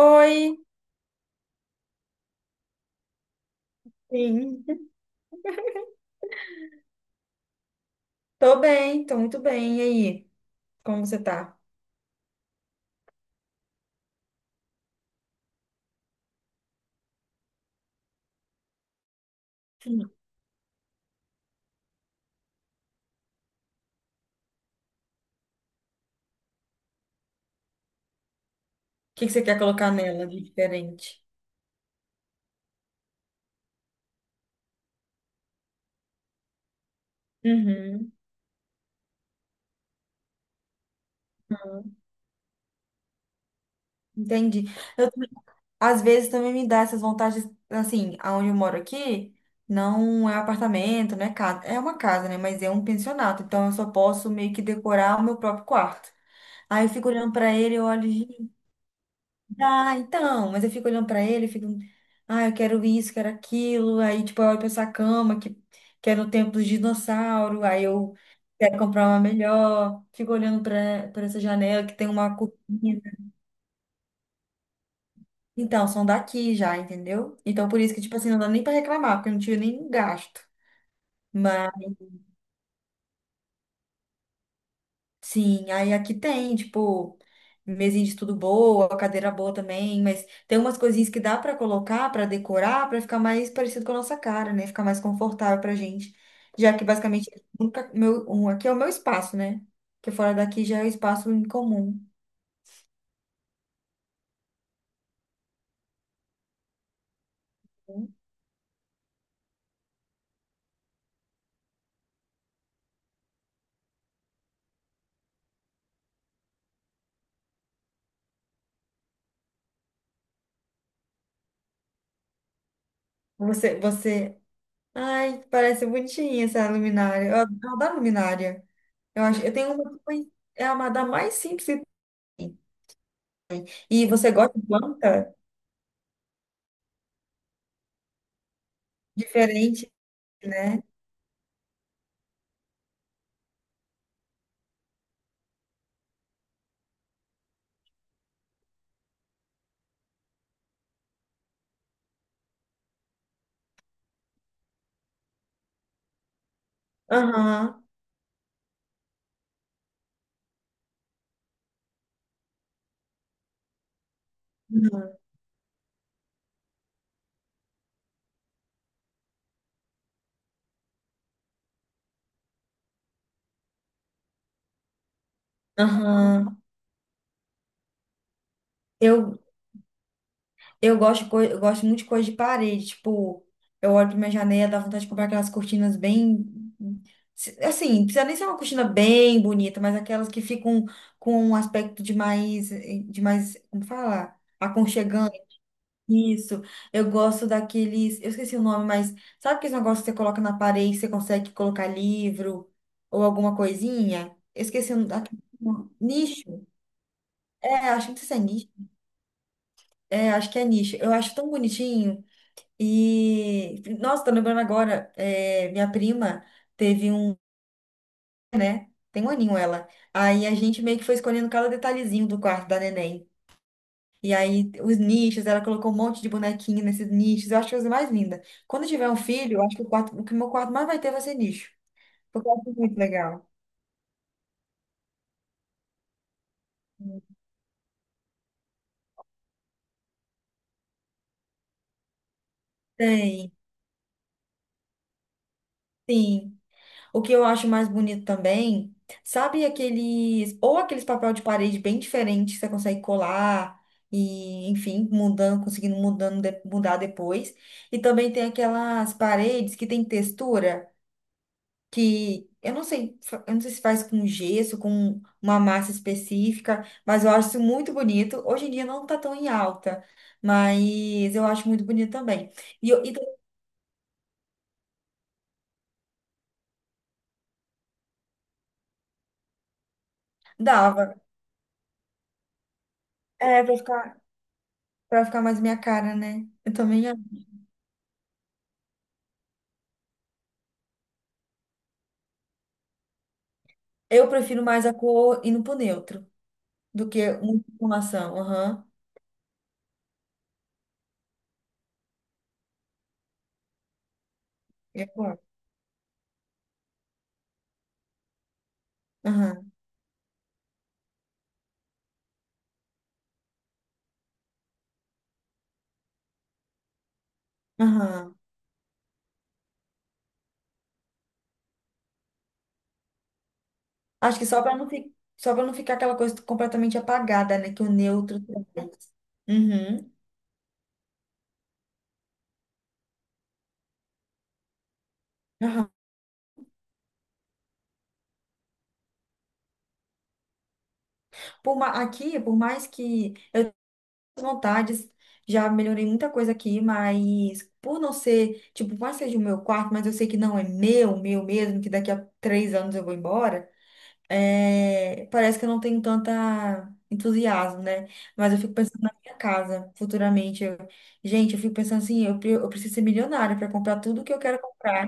Oi. Sim. Tô bem, tô muito bem. E aí, como você tá? O que que você quer colocar nela de diferente? Uhum. Entendi. Eu, Às vezes também me dá essas vontades, assim. Aonde eu moro aqui não é apartamento, não é casa. É uma casa, né? Mas é um pensionato, então eu só posso meio que decorar o meu próprio quarto. Aí eu fico olhando pra ele, eu olho. Mas eu fico olhando pra ele, fico, ah, eu quero isso, quero aquilo. Aí, tipo, eu olho pra essa que é no tempo dos dinossauros. Aí eu quero comprar uma melhor. Fico olhando pra essa janela que tem uma cortina. Então, são daqui já, entendeu? Então, por isso que, tipo assim, não dá nem pra reclamar, porque eu não tive nenhum gasto. Sim, aí aqui tem, tipo, mesinha de estudo boa, cadeira boa também, mas tem umas coisinhas que dá pra colocar, pra decorar, pra ficar mais parecido com a nossa cara, né? Ficar mais confortável pra gente. Já que basicamente nunca meu, um, Aqui é o meu espaço, né? Porque fora daqui já é o espaço em comum. Você, você. Ai, parece bonitinha essa luminária. Eu adoro luminária. Eu tenho uma que é uma da mais simples que tem. E você gosta de planta? Diferente, né? Aham. Aham. Eu, eu gosto muito de coisa de parede. Tipo, eu olho pra minha janela, dá vontade de comprar aquelas cortinas bem. Assim, não precisa nem ser uma cortina bem bonita, mas aquelas que ficam com um aspecto de mais, como falar? Aconchegante. Isso. Eu gosto daqueles. Eu esqueci o nome, mas sabe aqueles negócios que você coloca na parede, que você consegue colocar livro ou alguma coisinha? Eu esqueci o nome. Nicho. É, acho que não sei se é nicho. É, acho que é nicho. Eu acho tão bonitinho. E, nossa, tô lembrando agora, é, minha prima teve um, tem um aninho ela. Aí a gente meio que foi escolhendo cada detalhezinho do quarto da neném. E aí os nichos, ela colocou um monte de bonequinho nesses nichos. Eu acho que é a coisa mais linda. Quando eu tiver um filho, eu acho que o quarto, o que meu quarto mais vai ter vai ser nicho. Porque eu acho muito legal. Tem, sim. O que eu acho mais bonito também, sabe aqueles, ou aqueles papel de parede bem diferentes que você consegue colar e, enfim, mudando, conseguindo mudando, de- mudar depois. E também tem aquelas paredes que tem textura que eu não sei, eu não sei se faz com gesso, com uma massa específica, mas eu acho isso muito bonito. Hoje em dia não tá tão em alta, mas eu acho muito bonito também. E, eu- e Dava, é, pra ficar mais minha cara, né? Eu também eu prefiro mais a cor indo pro neutro do que uma informação. Aham. Eu concordo. Aham. Aham. Acho que só para só para não ficar aquela coisa completamente apagada, né? Que o neutro traz. Uhum. Aham. Aqui, por mais que eu tenha vontades, já melhorei muita coisa aqui, mas por não ser, tipo, por mais que seja o meu quarto, mas eu sei que não é meu, meu mesmo, que daqui a 3 anos eu vou embora. É, parece que eu não tenho tanta entusiasmo, né? Mas eu fico pensando na minha casa futuramente. Gente, eu fico pensando assim, eu preciso ser milionária para comprar tudo que eu quero comprar.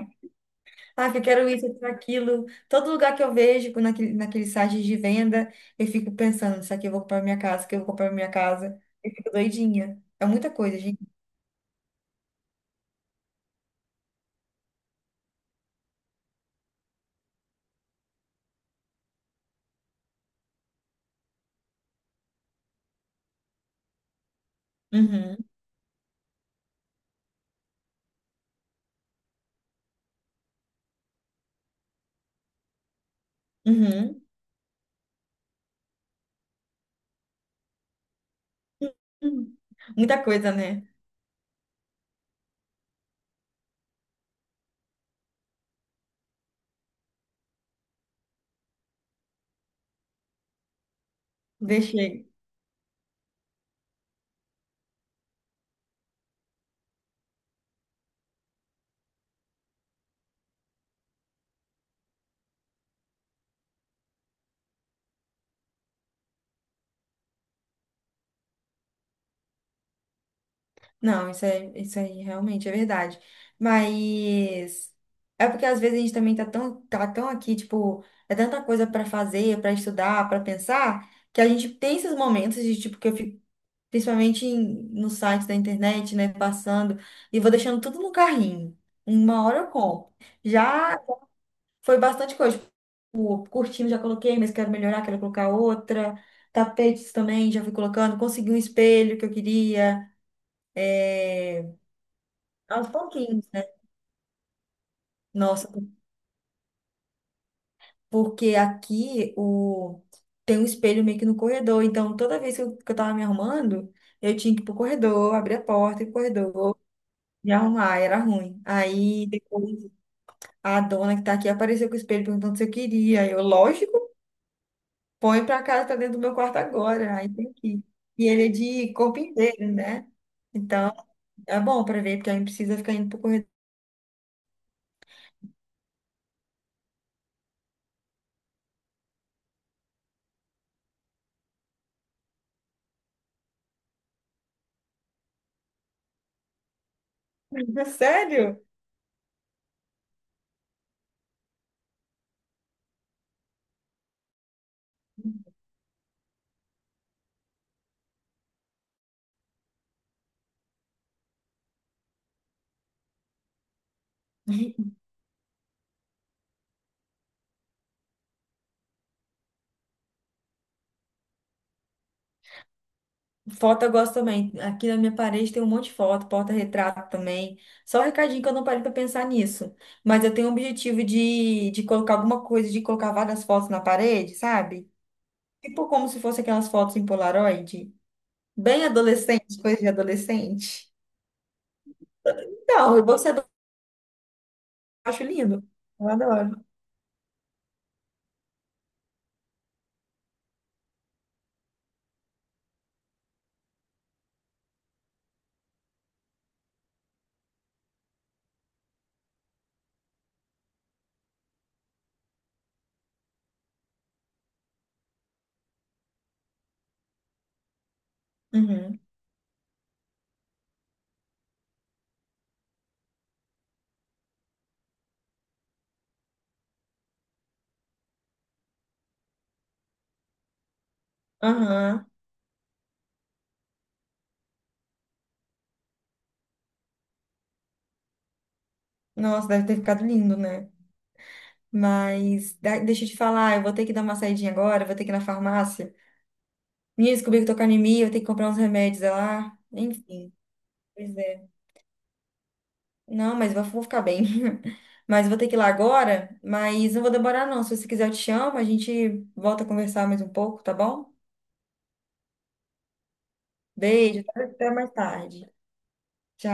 Ah, que eu quero isso, eu quero aquilo. Todo lugar que eu vejo naquele, naquele site de venda, eu fico pensando, isso aqui eu vou comprar pra minha casa, isso aqui eu vou comprar pra minha casa. Eu fico doidinha. É muita coisa, gente. Uhum, uhum. Hum, muita coisa, né? Deixei. Não, isso é, isso aí realmente é verdade. Mas é porque às vezes a gente também tá tá tão aqui, tipo, é tanta coisa para fazer, para estudar, para pensar, que a gente tem esses momentos de tipo que eu fico principalmente no site da internet, né, passando e vou deixando tudo no carrinho. Uma hora eu compro. Já foi bastante coisa, tipo, curtindo já coloquei, mas quero melhorar, quero colocar outra. Tapetes também já fui colocando, consegui um espelho que eu queria, é, aos pouquinhos, né? Nossa, porque aqui o... Tem um espelho meio que no corredor, então toda vez que que eu tava me arrumando, eu tinha que ir pro corredor, abrir a porta, e pro corredor, me arrumar, era ruim. Aí depois a dona que tá aqui apareceu com o espelho perguntando se eu queria. Eu, lógico, põe pra casa, tá dentro do meu quarto agora, aí tem que ir. E ele é de corpo inteiro, né? Então é bom pra ver, porque aí não precisa ficar indo pro corredor. Sério? Foto eu gosto também. Aqui na minha parede tem um monte de foto, porta-retrato também. Só um recadinho que eu não parei para pensar nisso. Mas eu tenho o objetivo de colocar alguma coisa, de colocar várias fotos na parede, sabe? Tipo como se fosse aquelas fotos em Polaroid. Bem adolescente, coisa de adolescente. Então, eu vou ser adolescente, eu acho lindo. Eu adoro. Uhum. Aham. Nossa, deve ter ficado lindo, né? Mas deixa eu te falar, eu vou ter que dar uma saidinha agora, eu vou ter que ir na farmácia. Menina, descobri que eu tô com anemia, vou ter que comprar uns remédios é lá. Enfim, pois é. Não, mas vou ficar bem. Mas vou ter que ir lá agora, mas não vou demorar não. Se você quiser, eu te chamo, a gente volta a conversar mais um pouco, tá bom? Beijo, até até mais tarde. Tchau.